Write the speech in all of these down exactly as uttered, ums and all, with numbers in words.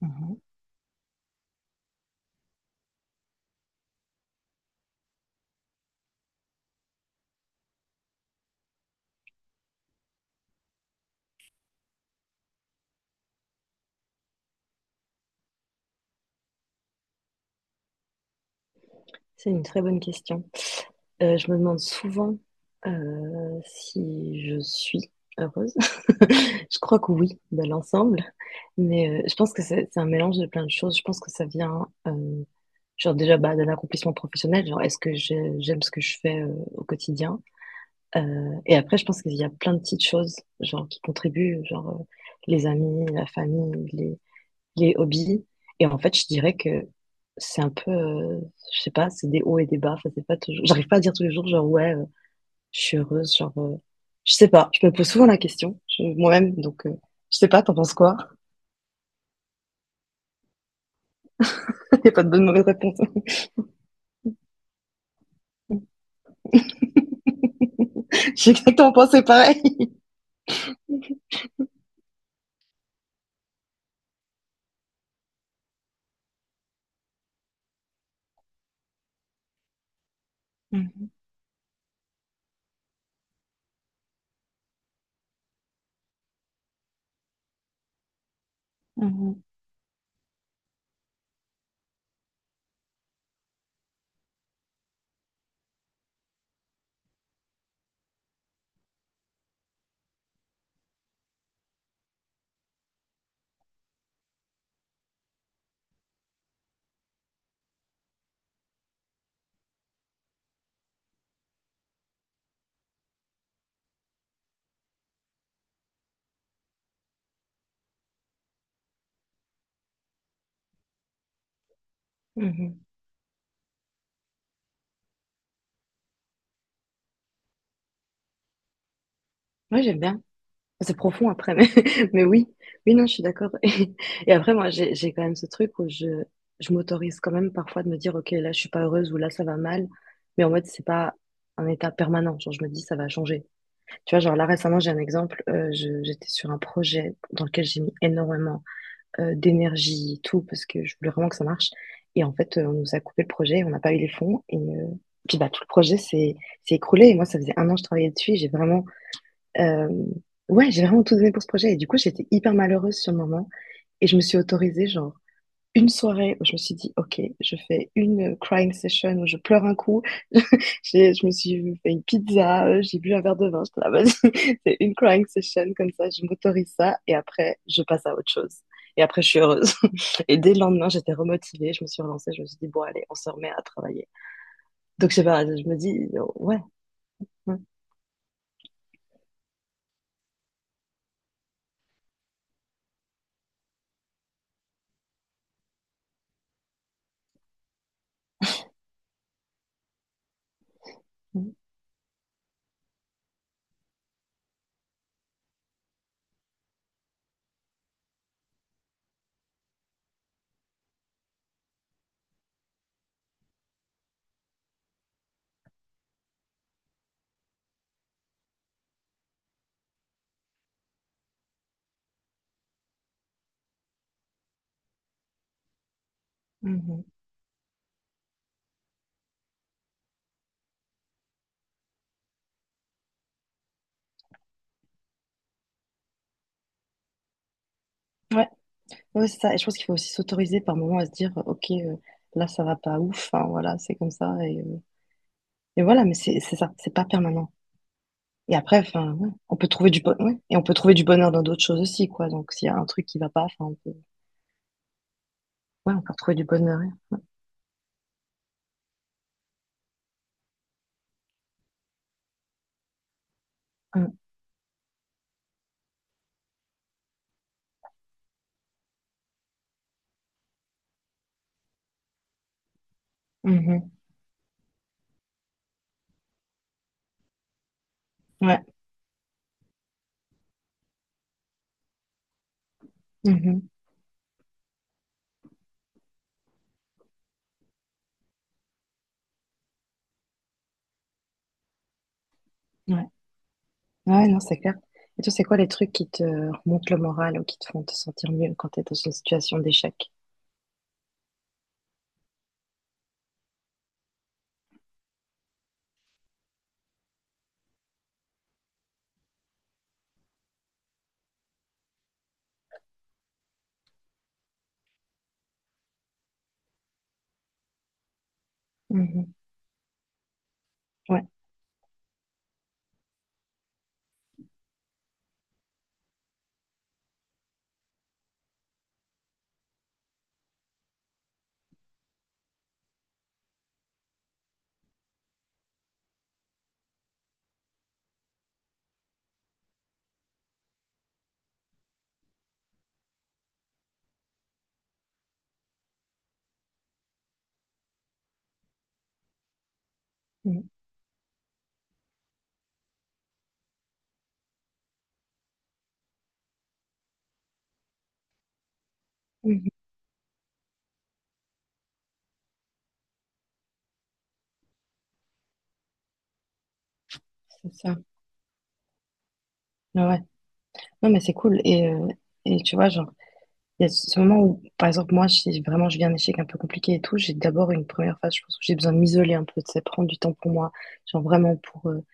Mhm. C'est une très bonne question. Euh, je me demande souvent euh, si je suis heureuse. Je crois que oui, de l'ensemble. Mais euh, je pense que c'est c'est un mélange de plein de choses. Je pense que ça vient, euh, genre déjà bah, d'un accomplissement professionnel. Genre, est-ce que j'ai- j'aime ce que je fais euh, au quotidien? Euh, et après, je pense qu'il y a plein de petites choses, genre qui contribuent, genre euh, les amis, la famille, les les hobbies. Et en fait, je dirais que c'est un peu, euh, je sais pas, c'est des hauts et des bas. Enfin, c'est pas toujours, j'arrive pas à dire tous les jours, genre, ouais, euh, je suis heureuse, genre, euh, je sais pas. Je me pose souvent la question, je- moi-même, donc, euh, je sais pas, t'en penses quoi? Il n'y a pas de bonne mauvaise réponse. J'ai exactement pensé pareil. Mhm. Mhm. Mhm. Moi, j'aime bien. C'est profond après, mais mais oui. Oui, non, je suis d'accord, et après moi, j'ai j'ai quand même ce truc où je je m'autorise quand même parfois de me dire: «OK, là, je suis pas heureuse» ou «Là, ça va mal», mais en mode, c'est pas un état permanent. Genre, je me dis: «Ça va changer». Tu vois? Genre, là, récemment, j'ai un exemple, heu, je j'étais sur un projet dans lequel j'ai mis énormément, heu, d'énergie et tout parce que je voulais vraiment que ça marche et en fait, heu, on nous a coupé le projet, on n'a pas eu les fonds et heu, puis, bah, tout le projet s'est s'est écroulé et moi, ça faisait un an que je travaillais dessus et j'ai vraiment euh, ouais, j'ai vraiment tout donné pour ce projet. Et du coup, j'étais hyper malheureuse sur le moment. Et je me suis autorisée, genre, une soirée où je me suis dit, OK, je fais une euh, crying session où je pleure un coup. J'ai- Je me suis fait une pizza, euh, j'ai bu un verre de vin. J'étais là, vas-y, c'est une crying session comme ça. Je m'autorise ça. Et après, je passe à autre chose. Et après, je suis heureuse. Et dès le lendemain, j'étais remotivée. Je me suis relancée. Je me suis dit, bon, allez, on se remet à travailler. Donc, je sais pas, je me dis, oh, ouais. Ouais, ouais. Mhm. Ouais. Ouais, c'est ça. Et je pense qu'il faut aussi s'autoriser par moment à se dire, euh, OK, euh, là, ça va pas ouf. Enfin, voilà, c'est comme ça. Et, euh, et voilà, mais c'est c'est ça, c'est pas permanent. Et après, enfin, ouais, on peut trouver du bon... ouais. Et on peut trouver du bonheur dans d'autres choses aussi, quoi. Donc, s'il y a un truc qui va pas, enfin, on peut... Ouais, on peut retrouver du bonheur. Ouais. Mm. Mhm. Ouais. Mhm. Ouais. Ouais, non, c'est clair. Et toi, c'est quoi les trucs qui te remontent le moral ou qui te font te sentir mieux quand tu es dans une situation d'échec? Mhm. Ouais. Mhm. Mhm. C'est ça. Ouais. Ouais. Non, mais c'est cool. Et, euh, et tu vois, genre, il y a ce moment où, par exemple, moi, si vraiment je viens un échec un peu compliqué et tout, j'ai d'abord une première phase, je pense, où j'ai besoin de m'isoler un peu, de ça prendre du temps pour moi, genre vraiment pour euh,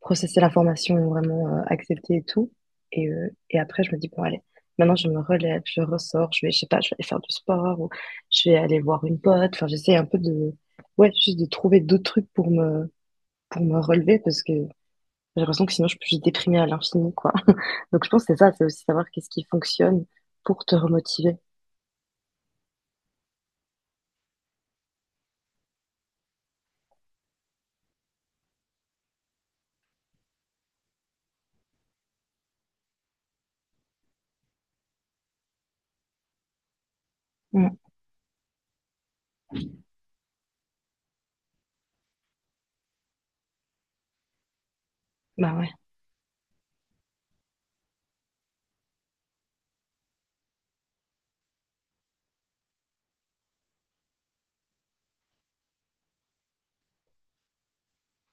processer l'information, vraiment euh, accepter et tout. Et, euh, et après, je me dis, bon, allez, maintenant je me relève, je ressors, je vais, je sais pas, je vais aller faire du sport ou je vais aller voir une pote. Enfin, j'essaie un peu de, ouais, juste de trouver d'autres trucs pour me, pour me, relever parce que j'ai l'impression que sinon je peux juste déprimer à l'infini, quoi. Donc, je pense que c'est ça, c'est aussi savoir qu'est-ce qui fonctionne pour te remotiver. Bah ouais.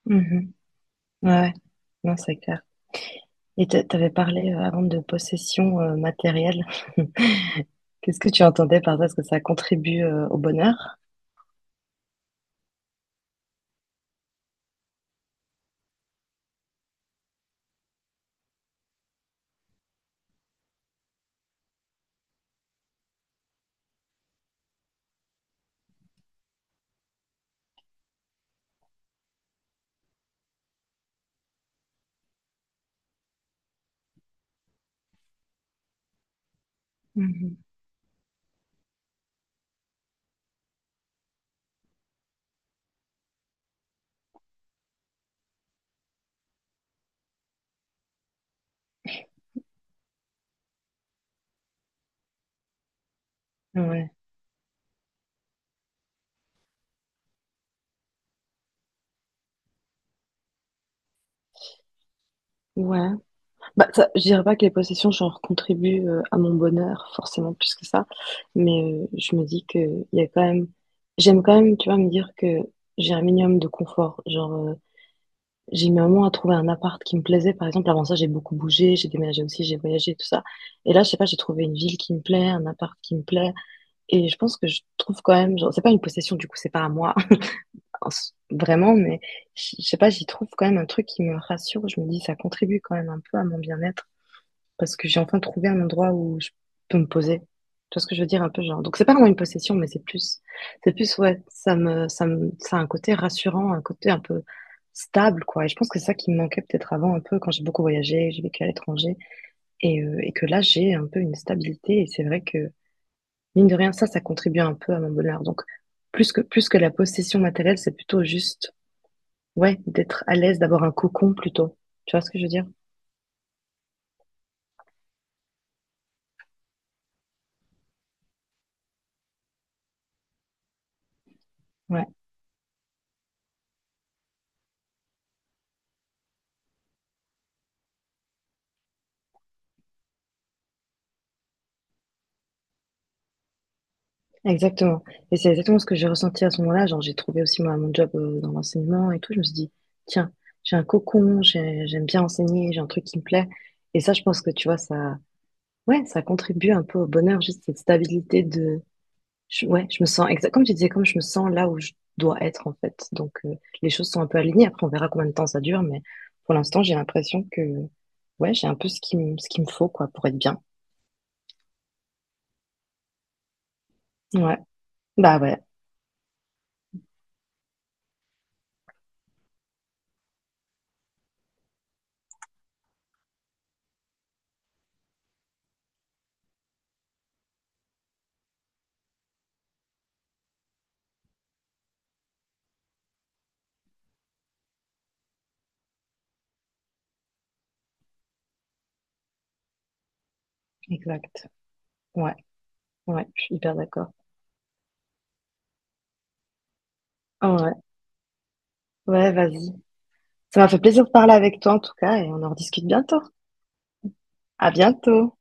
Mhm. Ouais, ouais. Non, c'est clair. Et t'a- t'avais parlé euh, avant de possession euh, matérielle. Qu'est-ce que tu entendais par ça? Est-ce que ça contribue euh, au bonheur? Mhm. Ouais. Ouais. Bah, ça, je dirais pas que les possessions, genre, contribuent euh, à mon bonheur, forcément, plus que ça. Mais euh, je me dis que il y a quand même, j'aime quand même, tu vois, me dire que j'ai un minimum de confort. Genre, euh, j'ai mis un moment à trouver un appart qui me plaisait. Par exemple, avant ça, j'ai beaucoup bougé, j'ai déménagé aussi, j'ai voyagé, tout ça. Et là, je sais pas, j'ai trouvé une ville qui me plaît, un appart qui me plaît. Et je pense que je trouve quand même, genre, c'est pas une possession, du coup, c'est pas à moi, en s- vraiment, mais je je sais pas, j'y trouve quand même un truc qui me rassure. Je me dis, ça contribue quand même un peu à mon bien-être parce que j'ai enfin trouvé un endroit où je peux me poser. Tu vois ce que je veux dire un peu genre. Donc c'est pas vraiment une possession, mais c'est plus, c'est plus ouais, ça me, ça me, ça a un côté rassurant, un côté un peu stable quoi. Et je pense que c'est ça qui me manquait peut-être avant un peu quand j'ai beaucoup voyagé, j'ai vécu à l'étranger et, euh, et que là j'ai un peu une stabilité et c'est vrai que mine de rien ça, ça contribue un peu à mon bonheur. Donc plus que plus que la possession matérielle, c'est plutôt juste ouais d'être à l'aise, d'avoir un cocon plutôt. Tu vois ce que je veux dire? Ouais. Exactement. Et c'est exactement ce que j'ai ressenti à ce moment-là. Genre, j'ai trouvé aussi moi mon job euh, dans l'enseignement et tout. Je me suis dit, tiens, j'ai un cocon, j'ai- j'aime bien enseigner, j'ai un truc qui me plaît. Et ça, je pense que tu vois, ça, ouais, ça contribue un peu au bonheur, juste cette stabilité de, je- ouais, je me sens exact, comme tu disais, comme je me sens là où je dois être en fait. Donc, euh, les choses sont un peu alignées. Après, on verra combien de temps ça dure, mais pour l'instant, j'ai l'impression que, ouais, j'ai un peu ce qui me, ce qu'il me faut quoi pour être bien. Ouais, bah ouais, exact. Ouais, ouais, je suis hyper d'accord. Ouais. Ouais, vas-y. Ça m'a fait plaisir de parler avec toi en tout cas et on en rediscute bientôt. À bientôt.